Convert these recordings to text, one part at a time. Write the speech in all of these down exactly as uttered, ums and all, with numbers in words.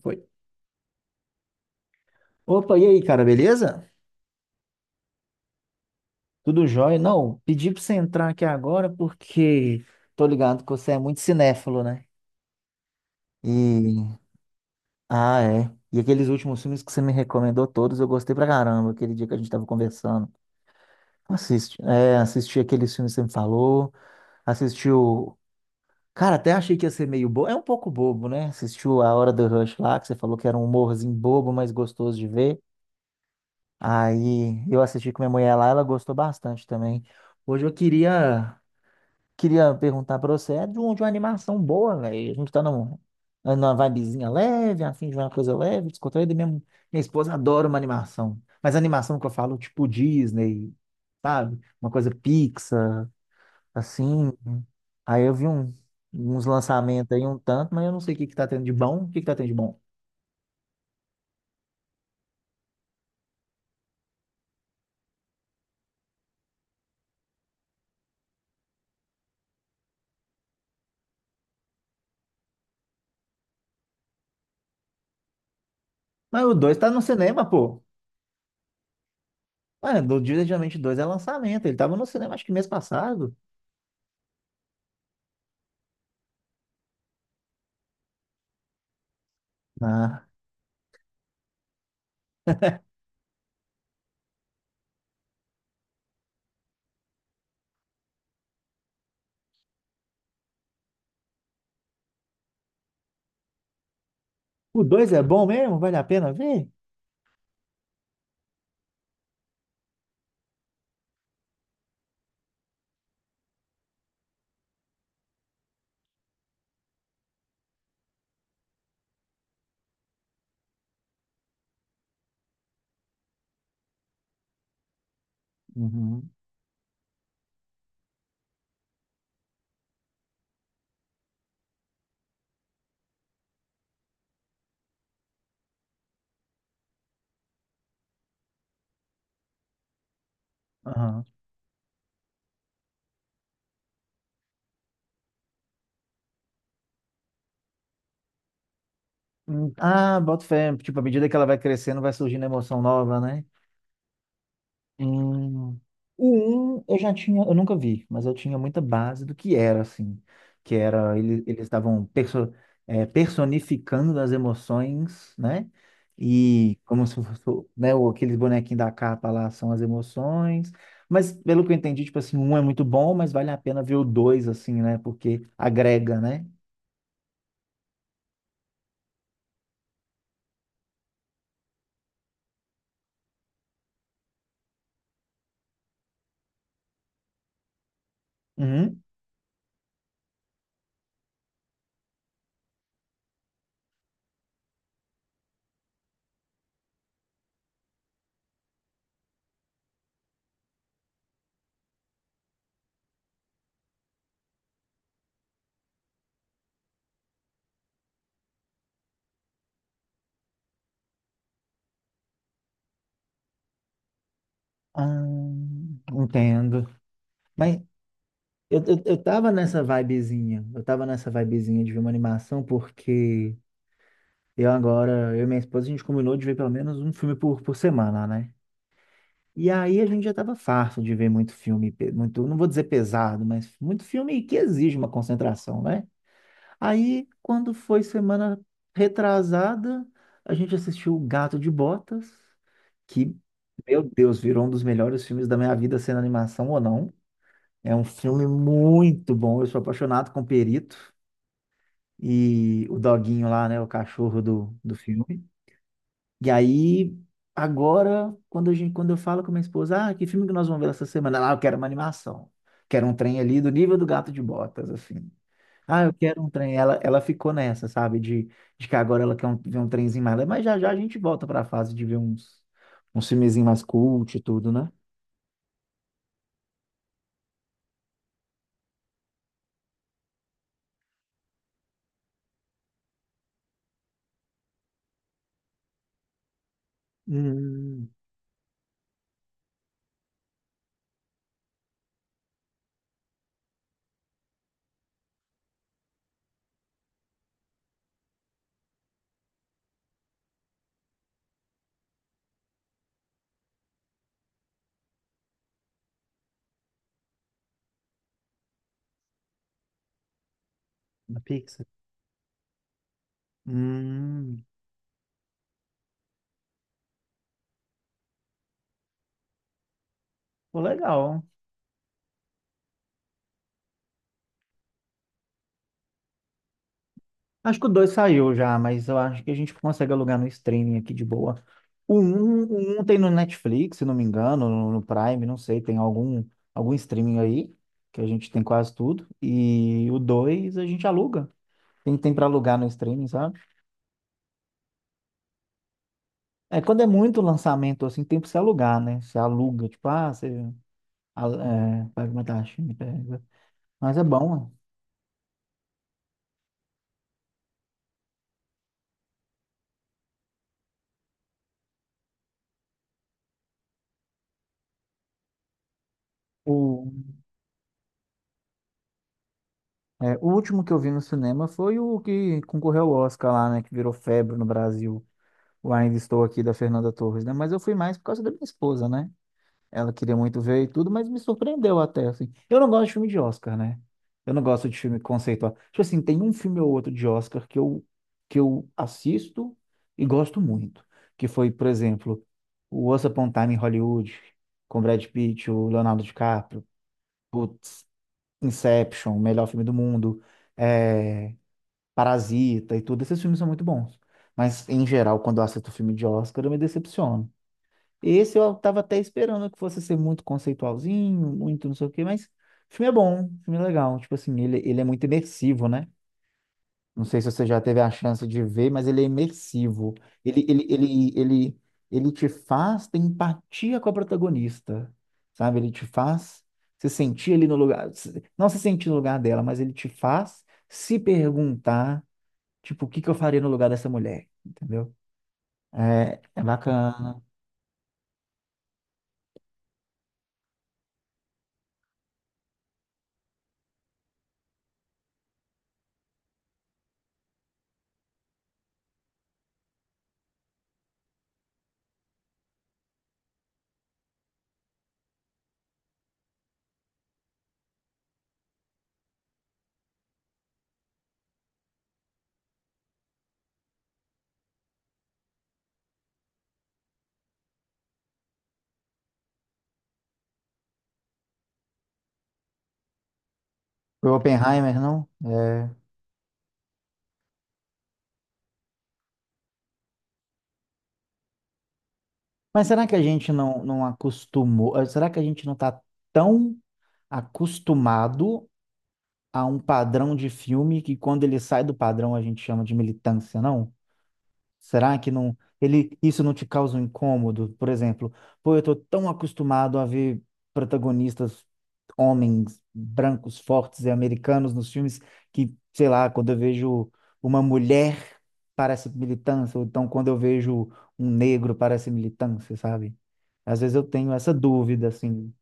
Foi. Opa, e aí, cara, beleza? Tudo jóia? Não, pedi pra você entrar aqui agora porque tô ligado que você é muito cinéfilo, né? E. Ah, é. E aqueles últimos filmes que você me recomendou todos, eu gostei pra caramba, aquele dia que a gente tava conversando. Assisti, é, assisti aqueles filmes que você me falou, assistiu. Cara, até achei que ia ser meio bobo. É um pouco bobo, né? Assistiu A Hora do Rush lá, que você falou que era um humorzinho bobo, mas gostoso de ver. Aí eu assisti com minha mulher lá, ela gostou bastante também. Hoje eu queria queria perguntar pra você, é de, um- de uma animação boa, velho. A gente tá num- numa vibezinha leve, afim de uma coisa leve, descontraída. Minha, minha esposa adora uma animação. Mas animação que eu falo, tipo Disney, sabe? Uma coisa Pixar, assim. Aí eu vi um- uns lançamentos aí um tanto, mas eu não sei o que que tá tendo de bom. O que que tá tendo de bom? Mas o dois tá no cinema, pô. Mano, o Diligence dois é lançamento. Ele tava no cinema acho que mês passado. Ah. O dois é bom mesmo? Vale a pena ver? Uhum. Aham. Hum, Ah, boto fé. Tipo, à medida que ela vai crescendo, vai surgindo emoção nova, né? Hum, o um eu já tinha, eu nunca vi, mas eu tinha muita base do que era, assim, que era, ele- eles estavam perso- eh, personificando as emoções, né? E como se fosse, né, o- aqueles bonequinhos da capa lá são as emoções, mas pelo que eu entendi, tipo assim, um é muito bom, mas vale a pena ver o dois, assim, né? Porque agrega, né? Uhum. Ah, entendo. Mas eu, eu, eu tava nessa vibezinha, eu tava nessa vibezinha de ver uma animação porque eu agora, eu e minha esposa, a gente combinou de ver pelo menos um filme por, por semana, né? E aí a gente já tava farto de ver muito filme, pe- muito, não vou dizer pesado, mas muito filme que exige uma concentração, né? Aí, quando foi semana retrasada, a gente assistiu O Gato de Botas, que, meu Deus, virou um dos melhores filmes da minha vida, sendo animação ou não. É um filme muito bom, eu sou apaixonado com o Perito e o doguinho lá, né? O cachorro do, do filme. E aí, agora, quando a gente, quando eu falo com minha esposa, ah, que filme que nós vamos ver essa semana? Ela, ah, eu quero uma animação. Quero um trem ali do nível do Gato de Botas, assim. Ah, eu quero um trem. Ela, ela ficou nessa, sabe? De, de que agora ela quer um- ver um trenzinho mais leve, mas já já a gente volta para a fase de ver uns, uns filmezinhos mais cult e tudo, né? Hum, da Pixar. Hum, pô, legal. Acho que o dois saiu já, mas eu acho que a gente consegue alugar no streaming aqui de boa. O um, o um tem no Netflix, se não me engano, no, no Prime, não sei, tem algum, algum streaming aí, que a gente tem quase tudo. E o dois a gente aluga. Tem, tem para alugar no streaming, sabe? É, quando é muito lançamento, assim, tem pra você alugar, né? Você aluga, tipo, ah, você al- é, paga uma taxa, me pega. Mas é bom, né? O, é, o último que eu vi no cinema foi o que concorreu ao Oscar lá, né? Que virou febre no Brasil. O Ainda Estou Aqui da Fernanda Torres, né? Mas eu fui mais por causa da minha esposa, né? Ela queria muito ver e tudo, mas me surpreendeu até, assim. Eu não gosto de filme de Oscar, né? Eu não gosto de filme conceitual. Tipo assim, tem um filme ou outro de Oscar que eu, que eu assisto e gosto muito. Que foi, por exemplo, o Once Upon a Time em Hollywood, com Brad Pitt, o Leonardo DiCaprio. Putz, Inception, melhor filme do mundo. É, Parasita e tudo, esses filmes são muito bons. Mas, em geral, quando eu assisto filme de Oscar, eu me decepciono. Esse eu tava até esperando que fosse ser muito conceitualzinho, muito não sei o quê, mas o filme é bom, o filme é legal. Tipo assim, ele, ele é muito imersivo, né? Não sei se você já teve a chance de ver, mas ele é imersivo. Ele, ele, ele, ele, ele te faz ter empatia com a protagonista, sabe? Ele te faz se sentir ali no lugar, se- não se sentir no lugar dela, mas ele te faz se perguntar, tipo, o que que eu faria no lugar dessa mulher? Entendeu? É, é bacana. Foi Oppenheimer, não? É. Mas será que a gente não, não acostumou? eh, Será que a gente não tá tão acostumado a um padrão de filme que quando ele sai do padrão a gente chama de militância, não? Será que não ele isso não te causa um incômodo? Por exemplo, pô, eu tô tão acostumado a ver protagonistas homens brancos, fortes e americanos nos filmes que, sei lá, quando eu vejo uma mulher parece militância, ou então quando eu vejo um negro parece militância, sabe? Às vezes eu tenho essa dúvida assim,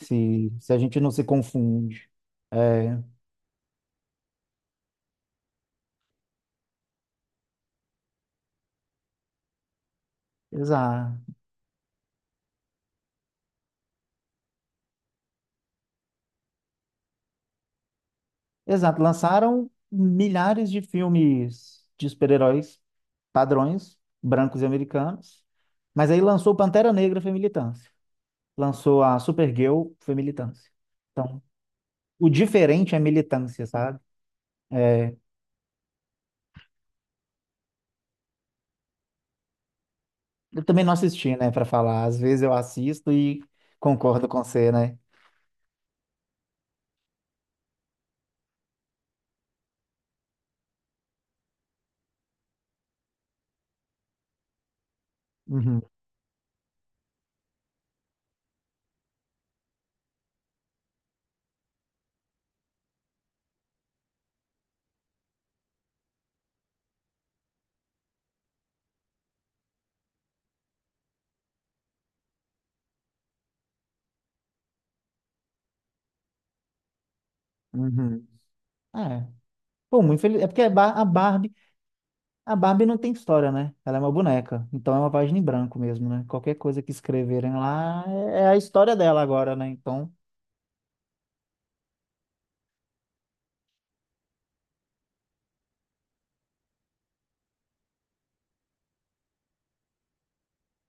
se se a gente não se confunde. É, exato. Exato, lançaram milhares de filmes de super-heróis padrões, brancos e americanos, mas aí lançou Pantera Negra foi militância, lançou a Supergirl foi militância. O diferente é militância, sabe? Eu também não assisti, né, pra falar. Às vezes eu assisto e concordo com você, né? Uhum, uhum. É. Pô, muito feliz. É porque a Bar- a Barbie, A Barbie não tem história, né? Ela é uma boneca. Então é uma página em branco mesmo, né? Qualquer coisa que escreverem lá é é a história dela agora, né? Então.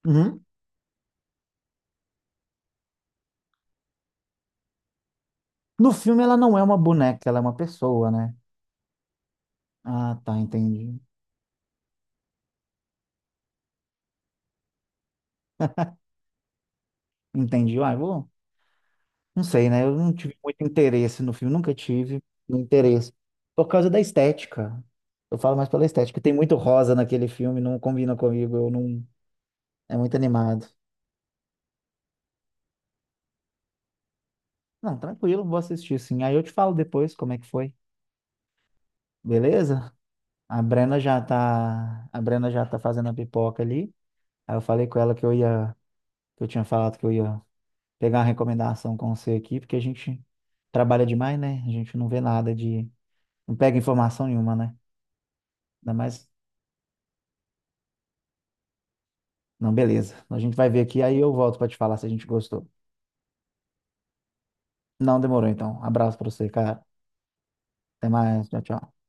Uhum. No filme ela não é uma boneca, ela é uma pessoa, né? Ah, tá, entendi. Entendi. Ah, eu vou. Não sei, né? Eu não tive muito interesse no filme, nunca tive interesse. Por causa da estética. Eu falo mais pela estética. Tem muito rosa naquele filme, não combina comigo, eu não. É muito animado. Não, tranquilo, vou assistir sim. Aí eu te falo depois como é que foi. Beleza? A Brena já tá, a Brena já tá fazendo a pipoca ali. Aí eu falei com ela que eu ia, que eu tinha falado que eu ia pegar uma recomendação com você aqui, porque a gente trabalha demais, né? A gente não vê nada de, não pega informação nenhuma, né? Ainda mais, não, beleza. A gente vai ver aqui, aí eu volto pra te falar se a gente gostou. Não demorou então. Abraço pra você, cara. Até mais, tchau, tchau.